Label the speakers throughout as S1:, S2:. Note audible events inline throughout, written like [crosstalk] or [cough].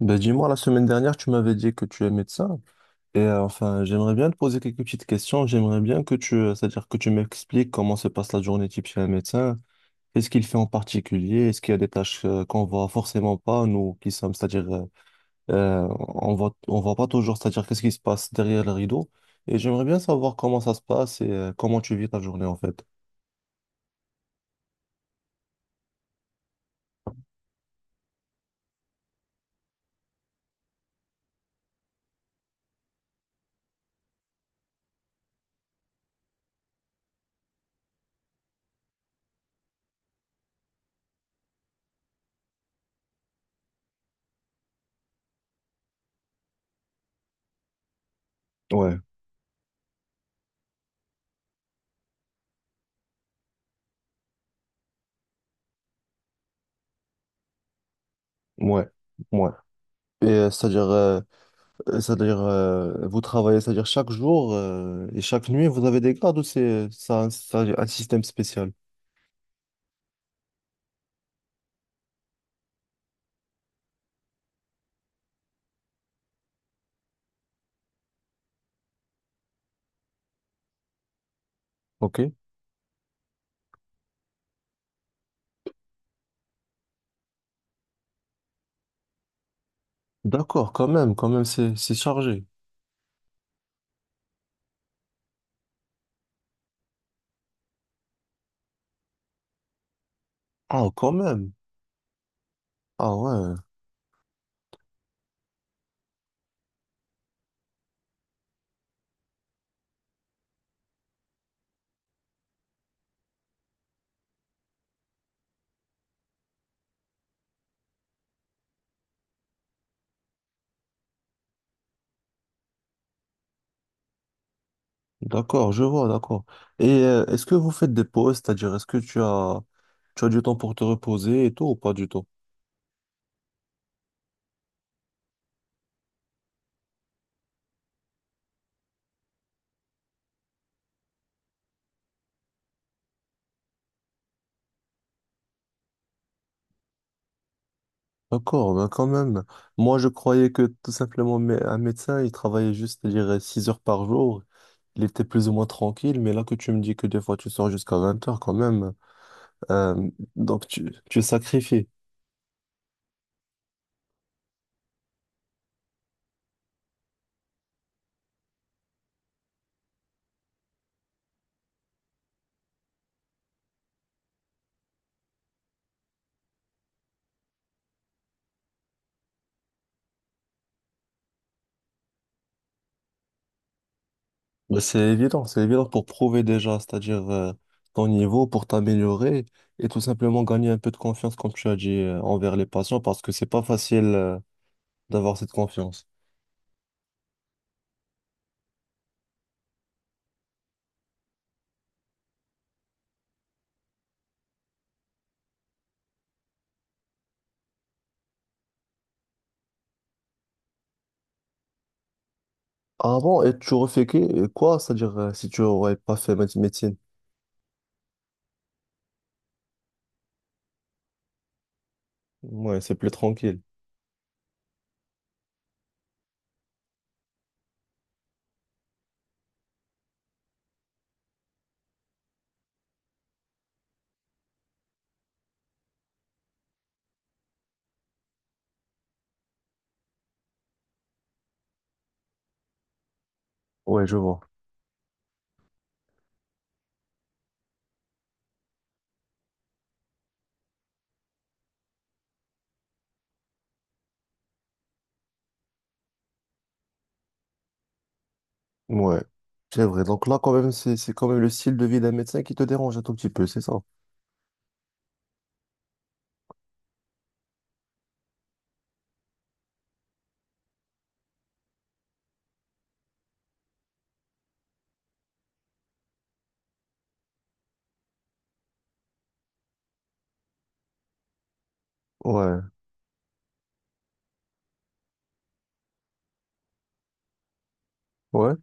S1: Ben dis-moi, la semaine dernière, tu m'avais dit que tu es médecin. Enfin, j'aimerais bien te poser quelques petites questions. J'aimerais bien que tu, c'est-à-dire que tu m'expliques comment se passe la journée type chez un médecin. Qu'est-ce qu'il fait en particulier? Est-ce qu'il y a des tâches qu'on voit forcément pas, nous qui sommes, c'est-à-dire, euh, on voit pas toujours, c'est-à-dire qu'est-ce qui se passe derrière le rideau. Et j'aimerais bien savoir comment ça se passe et comment tu vis ta journée en fait. Ouais, ouais, ouais. Et euh, c'est-à-dire, euh, C'est-à-dire, vous travaillez, c'est-à-dire chaque jour et chaque nuit, vous avez des gardes ou c'est ça, un système spécial? Ok. D'accord, quand même, c'est chargé. Ah, quand même. Ah ouais, d'accord, je vois, d'accord. Est-ce que vous faites des pauses, c'est-à-dire est-ce que tu as du temps pour te reposer et tout ou pas du tout? D'accord, ben quand même. Moi, je croyais que tout simplement un médecin, il travaillait juste, c'est à dire 6 heures par jour. Il était plus ou moins tranquille, mais là que tu me dis que des fois tu sors jusqu'à 20 heures quand même, euh, donc tu sacrifies. Ben, c'est évident pour prouver déjà, c'est-à-dire ton niveau, pour t'améliorer et tout simplement gagner un peu de confiance, comme tu as dit, envers les patients, parce que c'est pas facile. D'avoir cette confiance. Ah bon, et tu aurais fait quoi? C'est-à-dire, si tu aurais pas fait médecine. Ouais, c'est plus tranquille. Ouais, je vois. Ouais, c'est vrai. Donc là, quand même, c'est quand même le style de vie d'un médecin qui te dérange un tout petit peu, c'est ça? Ouais, ouais.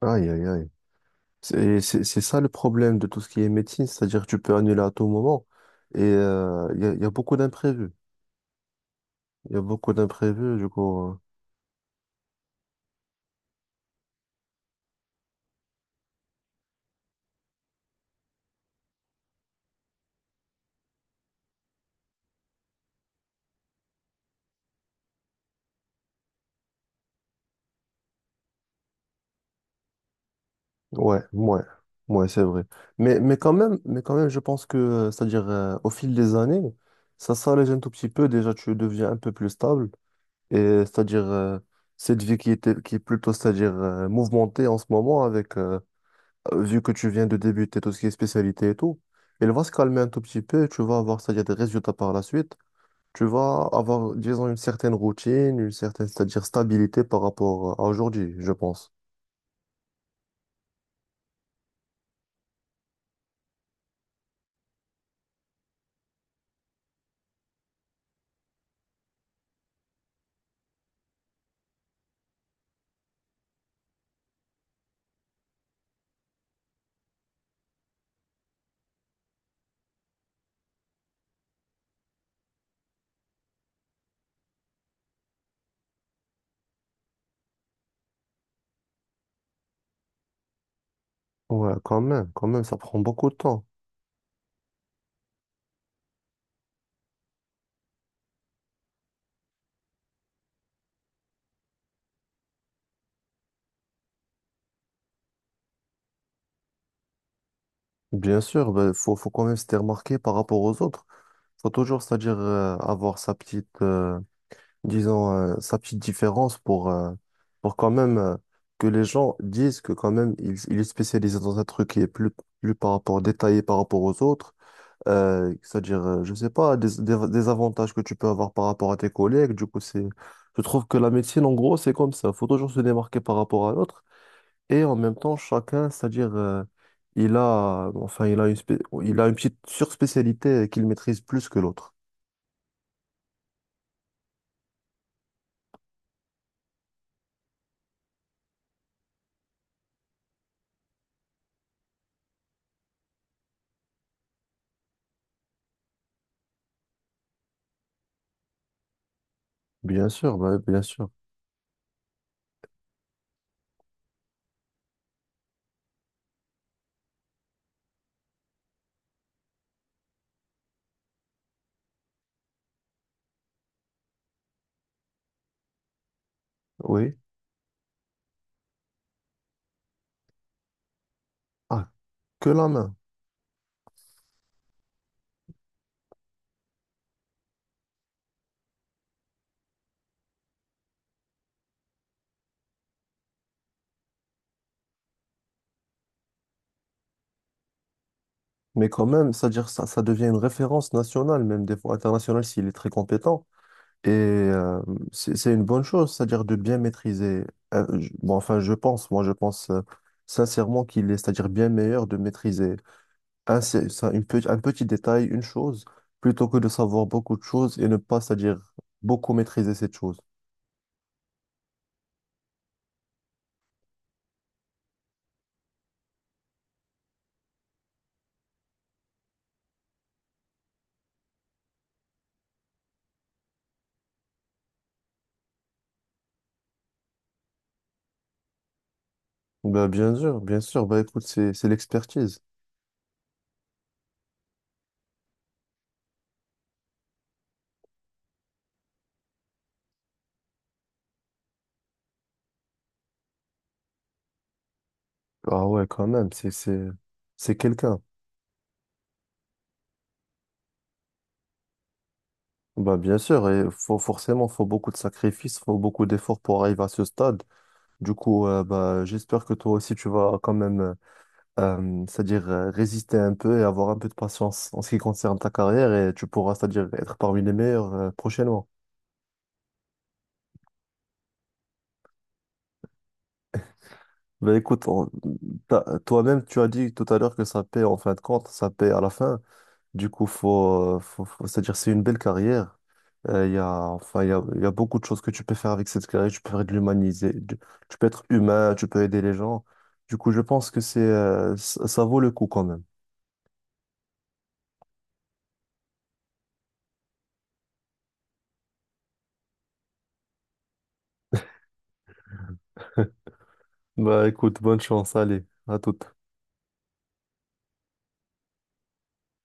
S1: Aïe, aïe, aïe. C'est ça le problème de tout ce qui est médecine, c'est-à-dire que tu peux annuler à tout moment et il y a beaucoup d'imprévus. Il y a beaucoup d'imprévus, du coup. Ouais, ouais, ouais, c'est vrai. Mais quand même, mais quand même, je pense que, c'est-à-dire au fil des années, ça s'allège un tout petit peu. Déjà, tu deviens un peu plus stable. Et c'est-à-dire cette vie qui qui est plutôt, c'est-à-dire mouvementée en ce moment, avec vu que tu viens de débuter tout ce qui est spécialité et tout, elle va se calmer un tout petit peu. Et tu vas avoir, c'est-à-dire des résultats par la suite. Tu vas avoir, disons, une certaine routine, une certaine, c'est-à-dire stabilité par rapport à aujourd'hui, je pense. Ouais, quand même, ça prend beaucoup de temps. Bien sûr, ben, faut quand même se faire remarquer par rapport aux autres. Faut toujours, c'est-à-dire avoir sa petite, disons, sa petite différence pour pour quand même que les gens disent que quand même il est spécialisé dans un truc qui est plus, plus par rapport détaillé par rapport aux autres. C'est-à-dire, je sais pas, des avantages que tu peux avoir par rapport à tes collègues. Je trouve que la médecine, en gros, c'est comme ça. Faut toujours se démarquer par rapport à l'autre. Et en même temps, chacun, enfin, il a il a une petite surspécialité qu'il maîtrise plus que l'autre. Bien sûr, bah, bien sûr. Oui. Ah, que la main. Mais quand même, c'est-à-dire, ça devient une référence nationale, même des fois internationale, s'il est très compétent. Et c'est une bonne chose, c'est-à-dire de bien maîtriser. Bon, enfin, je pense, je pense sincèrement qu'il est, c'est-à-dire bien meilleur de maîtriser une un petit détail, une chose, plutôt que de savoir beaucoup de choses et ne pas, c'est-à-dire beaucoup maîtriser cette chose. Ben, bien sûr, bien sûr. Bah, écoute, c'est l'expertise. Ah ouais, quand même, c'est quelqu'un. Bah, bien sûr, et forcément, faut beaucoup de sacrifices, faut beaucoup d'efforts pour arriver à ce stade. Bah, j'espère que toi aussi, tu vas quand même. C'est-à-dire, résister un peu et avoir un peu de patience en ce qui concerne ta carrière et tu pourras, c'est-à-dire être parmi les meilleurs prochainement. Ben écoute, on- T'as toi-même, tu as dit tout à l'heure que ça paie en fin de compte, ça paie à la fin. Du coup, c'est-à-dire c'est une belle carrière. Il y a, enfin, il y a, Il y a beaucoup de choses que tu peux faire avec cette carrière. Tu peux faire de l'humaniser, du- Tu peux être humain, tu peux aider les gens. Du coup, je pense que c'est, ça ça vaut le coup quand même. [laughs] Bah écoute, bonne chance, allez, à toute.